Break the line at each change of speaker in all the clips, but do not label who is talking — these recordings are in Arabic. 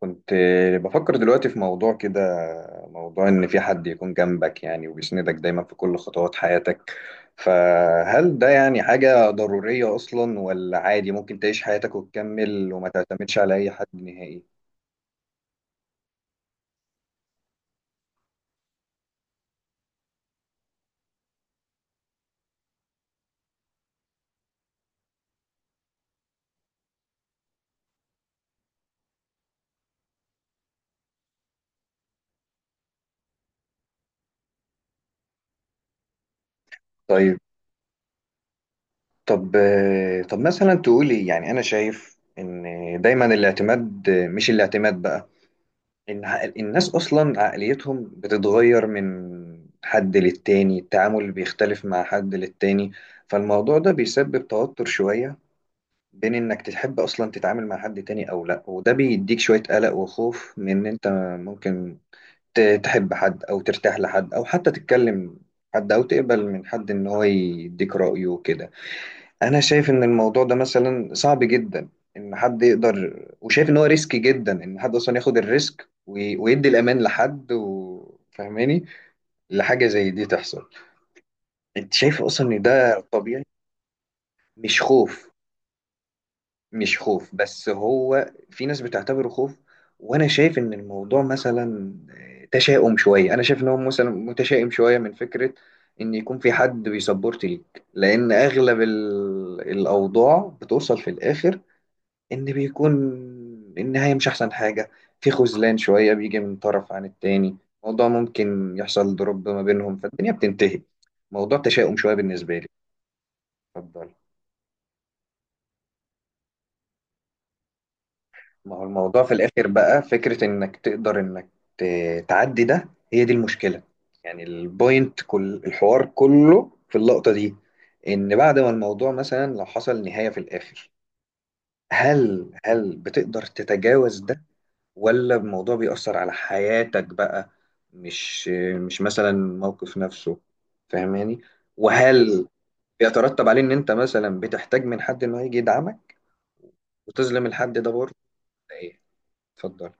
كنت بفكر دلوقتي في موضوع كده، موضوع إن في حد يكون جنبك يعني وبيسندك دايما في كل خطوات حياتك. فهل ده يعني حاجة ضرورية أصلا، ولا عادي ممكن تعيش حياتك وتكمل وما تعتمدش على أي حد نهائي؟ طيب. طب طب مثلا تقولي، يعني أنا شايف إن دايما الاعتماد، مش الاعتماد بقى، إن الناس أصلا عقليتهم بتتغير من حد للتاني، التعامل بيختلف مع حد للتاني. فالموضوع ده بيسبب توتر شوية بين إنك تحب أصلا تتعامل مع حد تاني أو لأ، وده بيديك شوية قلق وخوف من إن أنت ممكن تحب حد أو ترتاح لحد أو حتى تتكلم حد أو تقبل من حد إن هو يديك رأيه وكده. انا شايف ان الموضوع ده مثلا صعب جدا، ان حد يقدر، وشايف ان هو ريسكي جدا ان حد اصلا ياخد الريسك ويدي الامان لحد. وفهماني لحاجه زي دي تحصل. انت شايف اصلا ان ده طبيعي؟ مش خوف. مش خوف، بس هو في ناس بتعتبره خوف. وانا شايف ان الموضوع مثلا تشاؤم شويه، انا شايف ان هو مثلا متشائم شويه من فكره ان يكون في حد بيسبورت ليك، لان اغلب الاوضاع بتوصل في الاخر ان بيكون النهاية مش احسن حاجة. في خذلان شوية بيجي من طرف عن التاني، موضوع ممكن يحصل ضرب ما بينهم فالدنيا بتنتهي. موضوع تشاؤم شوية بالنسبة لي. اتفضل. ما هو الموضوع في الاخر بقى فكرة انك تقدر انك تعدي ده، هي دي المشكلة. يعني البوينت كل الحوار كله في اللقطة دي، ان بعد ما الموضوع مثلا لو حصل نهاية في الاخر، هل بتقدر تتجاوز ده ولا الموضوع بيأثر على حياتك بقى؟ مش مش مثلا الموقف نفسه، فاهماني؟ وهل بيترتب عليه ان انت مثلا بتحتاج من حد انه يجي يدعمك وتظلم الحد ده برضه، ولا ايه؟ اتفضل.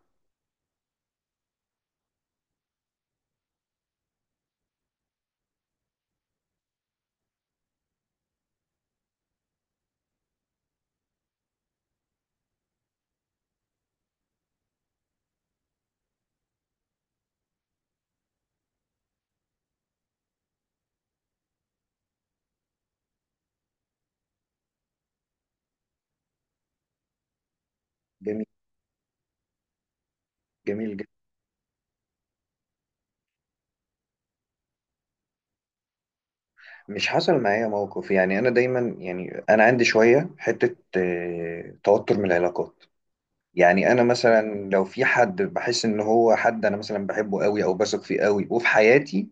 جميل، جميل جدا. مش حصل معايا موقف، يعني انا دايما، يعني انا عندي شويه حته توتر من العلاقات. يعني انا مثلا لو في حد بحس ان هو حد انا مثلا بحبه قوي او بثق فيه قوي وفي حياتي،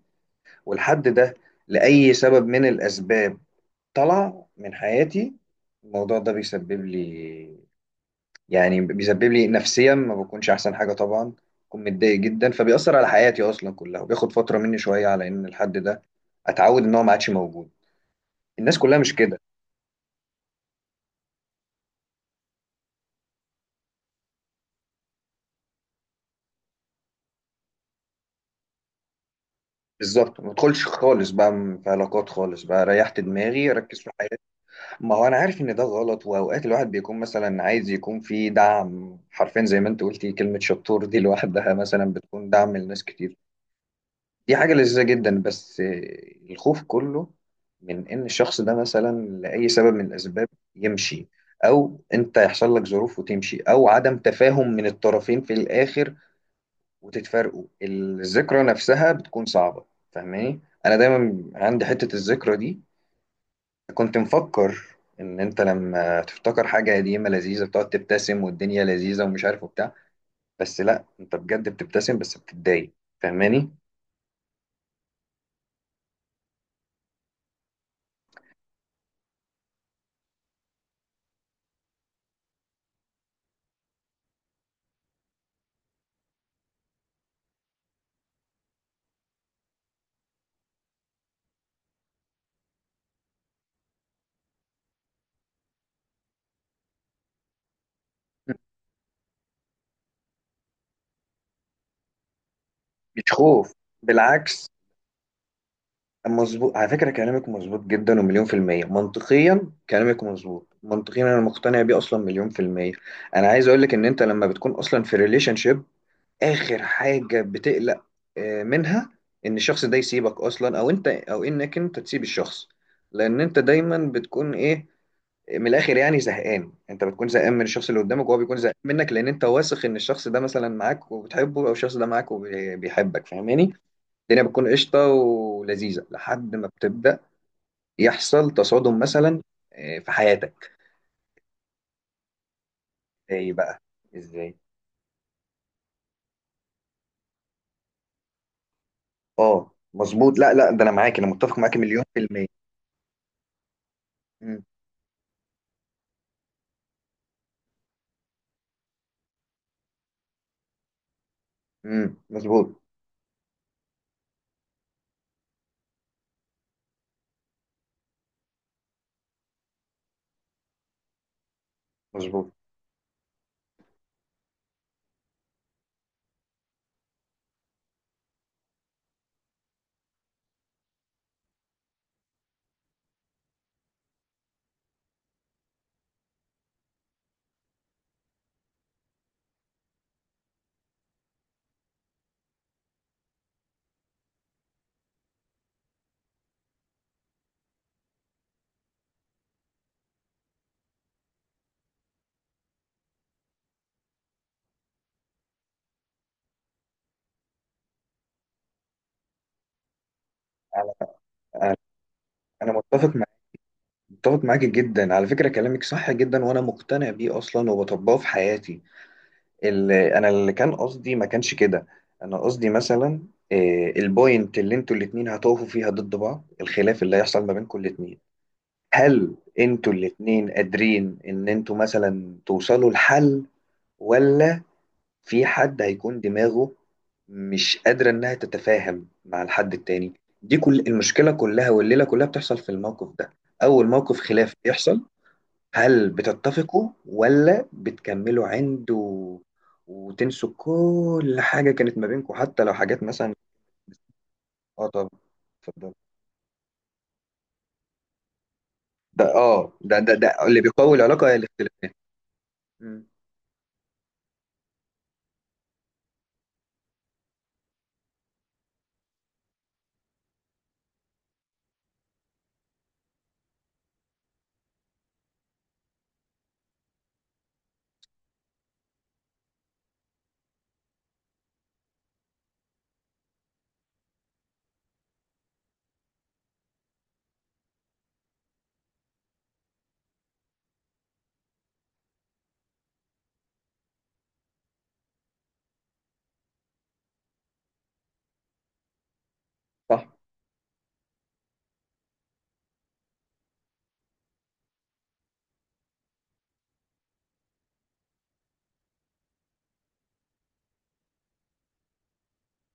والحد ده لاي سبب من الاسباب طلع من حياتي، الموضوع ده بيسبب لي، يعني بيسبب لي نفسيا ما بكونش احسن حاجه طبعا، بكون متضايق جدا، فبيأثر على حياتي اصلا كلها، وبياخد فتره مني شويه على ان الحد ده اتعود ان هو ما عادش موجود. الناس كلها مش كده. بالظبط، ما ادخلش خالص بقى في علاقات خالص بقى، ريحت دماغي ركز في حياتي. ما هو انا عارف ان ده غلط، واوقات الواحد بيكون مثلا عايز يكون في دعم، حرفيا زي ما انت قلتي كلمه شطور دي لوحدها مثلا بتكون دعم لناس كتير، دي حاجة لذيذة جدا. بس الخوف كله من إن الشخص ده مثلا لأي سبب من الأسباب يمشي، أو أنت يحصل لك ظروف وتمشي، أو عدم تفاهم من الطرفين في الآخر وتتفارقوا، الذكرى نفسها بتكون صعبة. فاهماني؟ أنا دايما عندي حتة الذكرى دي. كنت مفكر إن أنت لما تفتكر حاجة قديمة لذيذة بتقعد تبتسم والدنيا لذيذة ومش عارف وبتاع، بس لأ، أنت بجد بتبتسم بس بتتضايق. فاهماني؟ مش خوف. بالعكس. مظبوط، على فكرة كلامك مظبوط جدا ومليون في المية. منطقيا كلامك مظبوط، منطقيا أنا مقتنع بيه أصلا مليون في المية. أنا عايز أقولك إن أنت لما بتكون أصلا في ريليشن شيب، آخر حاجة بتقلق منها إن الشخص ده يسيبك أصلا أو أنت، أو إنك أنت تسيب الشخص. لأن أنت دايما بتكون إيه، من الآخر يعني زهقان، أنت بتكون زهقان من الشخص اللي قدامك وهو بيكون زهقان منك، لأن أنت واثق إن الشخص ده مثلا معاك وبتحبه أو الشخص ده معاك وبيحبك، فاهماني؟ الدنيا بتكون قشطة ولذيذة لحد ما بتبدأ يحصل تصادم مثلا في حياتك. ايه بقى؟ ازاي؟ اه مظبوط. لا، لا، ده انا معاك، انا متفق معاك مليون في المية. مم، مظبوط. مظبوط على- انا متفق معاك، متفق معاك جدا، على فكرة كلامك صح جدا وانا مقتنع بيه اصلا وبطبقه في حياتي. اللي كان قصدي ما كانش كده. انا قصدي مثلا البوينت اللي انتوا الاتنين هتقفوا فيها ضد بعض، الخلاف اللي هيحصل ما بينكم الاتنين، هل انتوا الاتنين قادرين ان انتوا مثلا توصلوا لحل، ولا في حد هيكون دماغه مش قادرة انها تتفاهم مع الحد التاني؟ دي كل المشكلة كلها والليلة كلها بتحصل في الموقف ده. اول موقف خلاف بيحصل، هل بتتفقوا ولا بتكملوا عنده وتنسوا كل حاجة كانت ما بينكم، حتى لو حاجات مثلا. اه طبعا، اتفضل. ده، اه، ده اللي بيقوي العلاقة هي الاختلافات. مم. صح.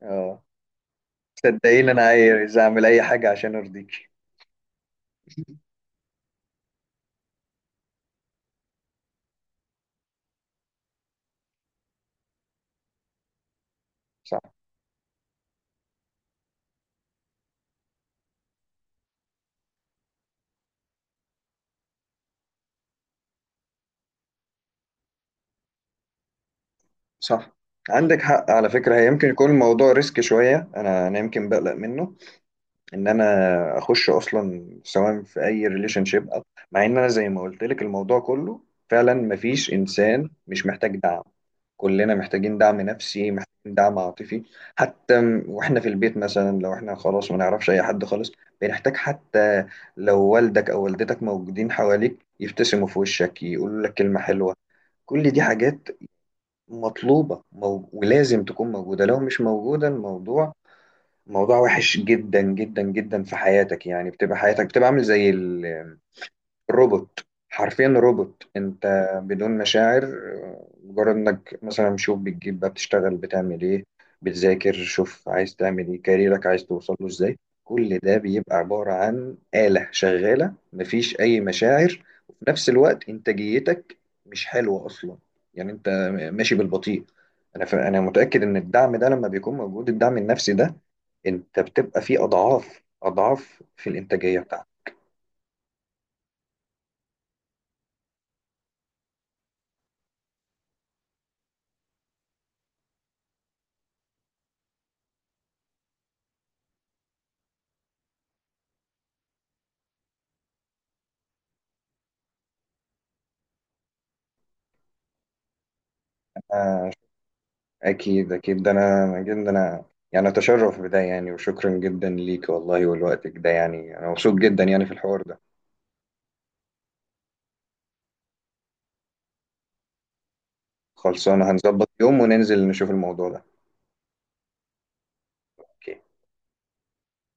اه، صدقيني انا عايز اعمل اي حاجه عشان ارضيكي. صح. صح، عندك حق على فكره. هي يمكن يكون الموضوع ريسك شويه، انا يمكن بقلق منه، ان انا اخش اصلا سواء في اي ريليشن شيب، مع ان انا زي ما قلت لك الموضوع كله فعلا مفيش انسان مش محتاج دعم. كلنا محتاجين دعم نفسي، محتاجين دعم عاطفي. حتى واحنا في البيت مثلا، لو احنا خلاص ما نعرفش اي حد خالص، بنحتاج حتى لو والدك او والدتك موجودين حواليك يبتسموا في وشك، يقولوا لك كلمة حلوة. كل دي حاجات مطلوبة ولازم تكون موجودة. لو مش موجودة، الموضوع موضوع وحش جدا جدا جدا في حياتك. يعني بتبقى حياتك، بتبقى عامل زي روبوت، حرفيا روبوت انت، بدون مشاعر. مجرد انك مثلا شوف بتجيب بقى بتشتغل بتعمل ايه، بتذاكر شوف عايز تعمل ايه كاريرك عايز توصل له ازاي. كل ده بيبقى عبارة عن آلة شغالة مفيش أي مشاعر. وفي نفس الوقت إنتاجيتك مش حلوة أصلا، يعني أنت ماشي بالبطيء. أنا أنا متأكد إن الدعم ده لما بيكون موجود، الدعم النفسي ده، أنت بتبقى فيه أضعاف أضعاف في الإنتاجية بتاعتك. أكيد، أكيد ده. أنا جدا أنا يعني أتشرف بده يعني، وشكرا جدا ليك والله، ولوقتك ده يعني. أنا مبسوط جدا يعني في الحوار ده. خلصانة، هنظبط يوم وننزل نشوف الموضوع ده. أوكي.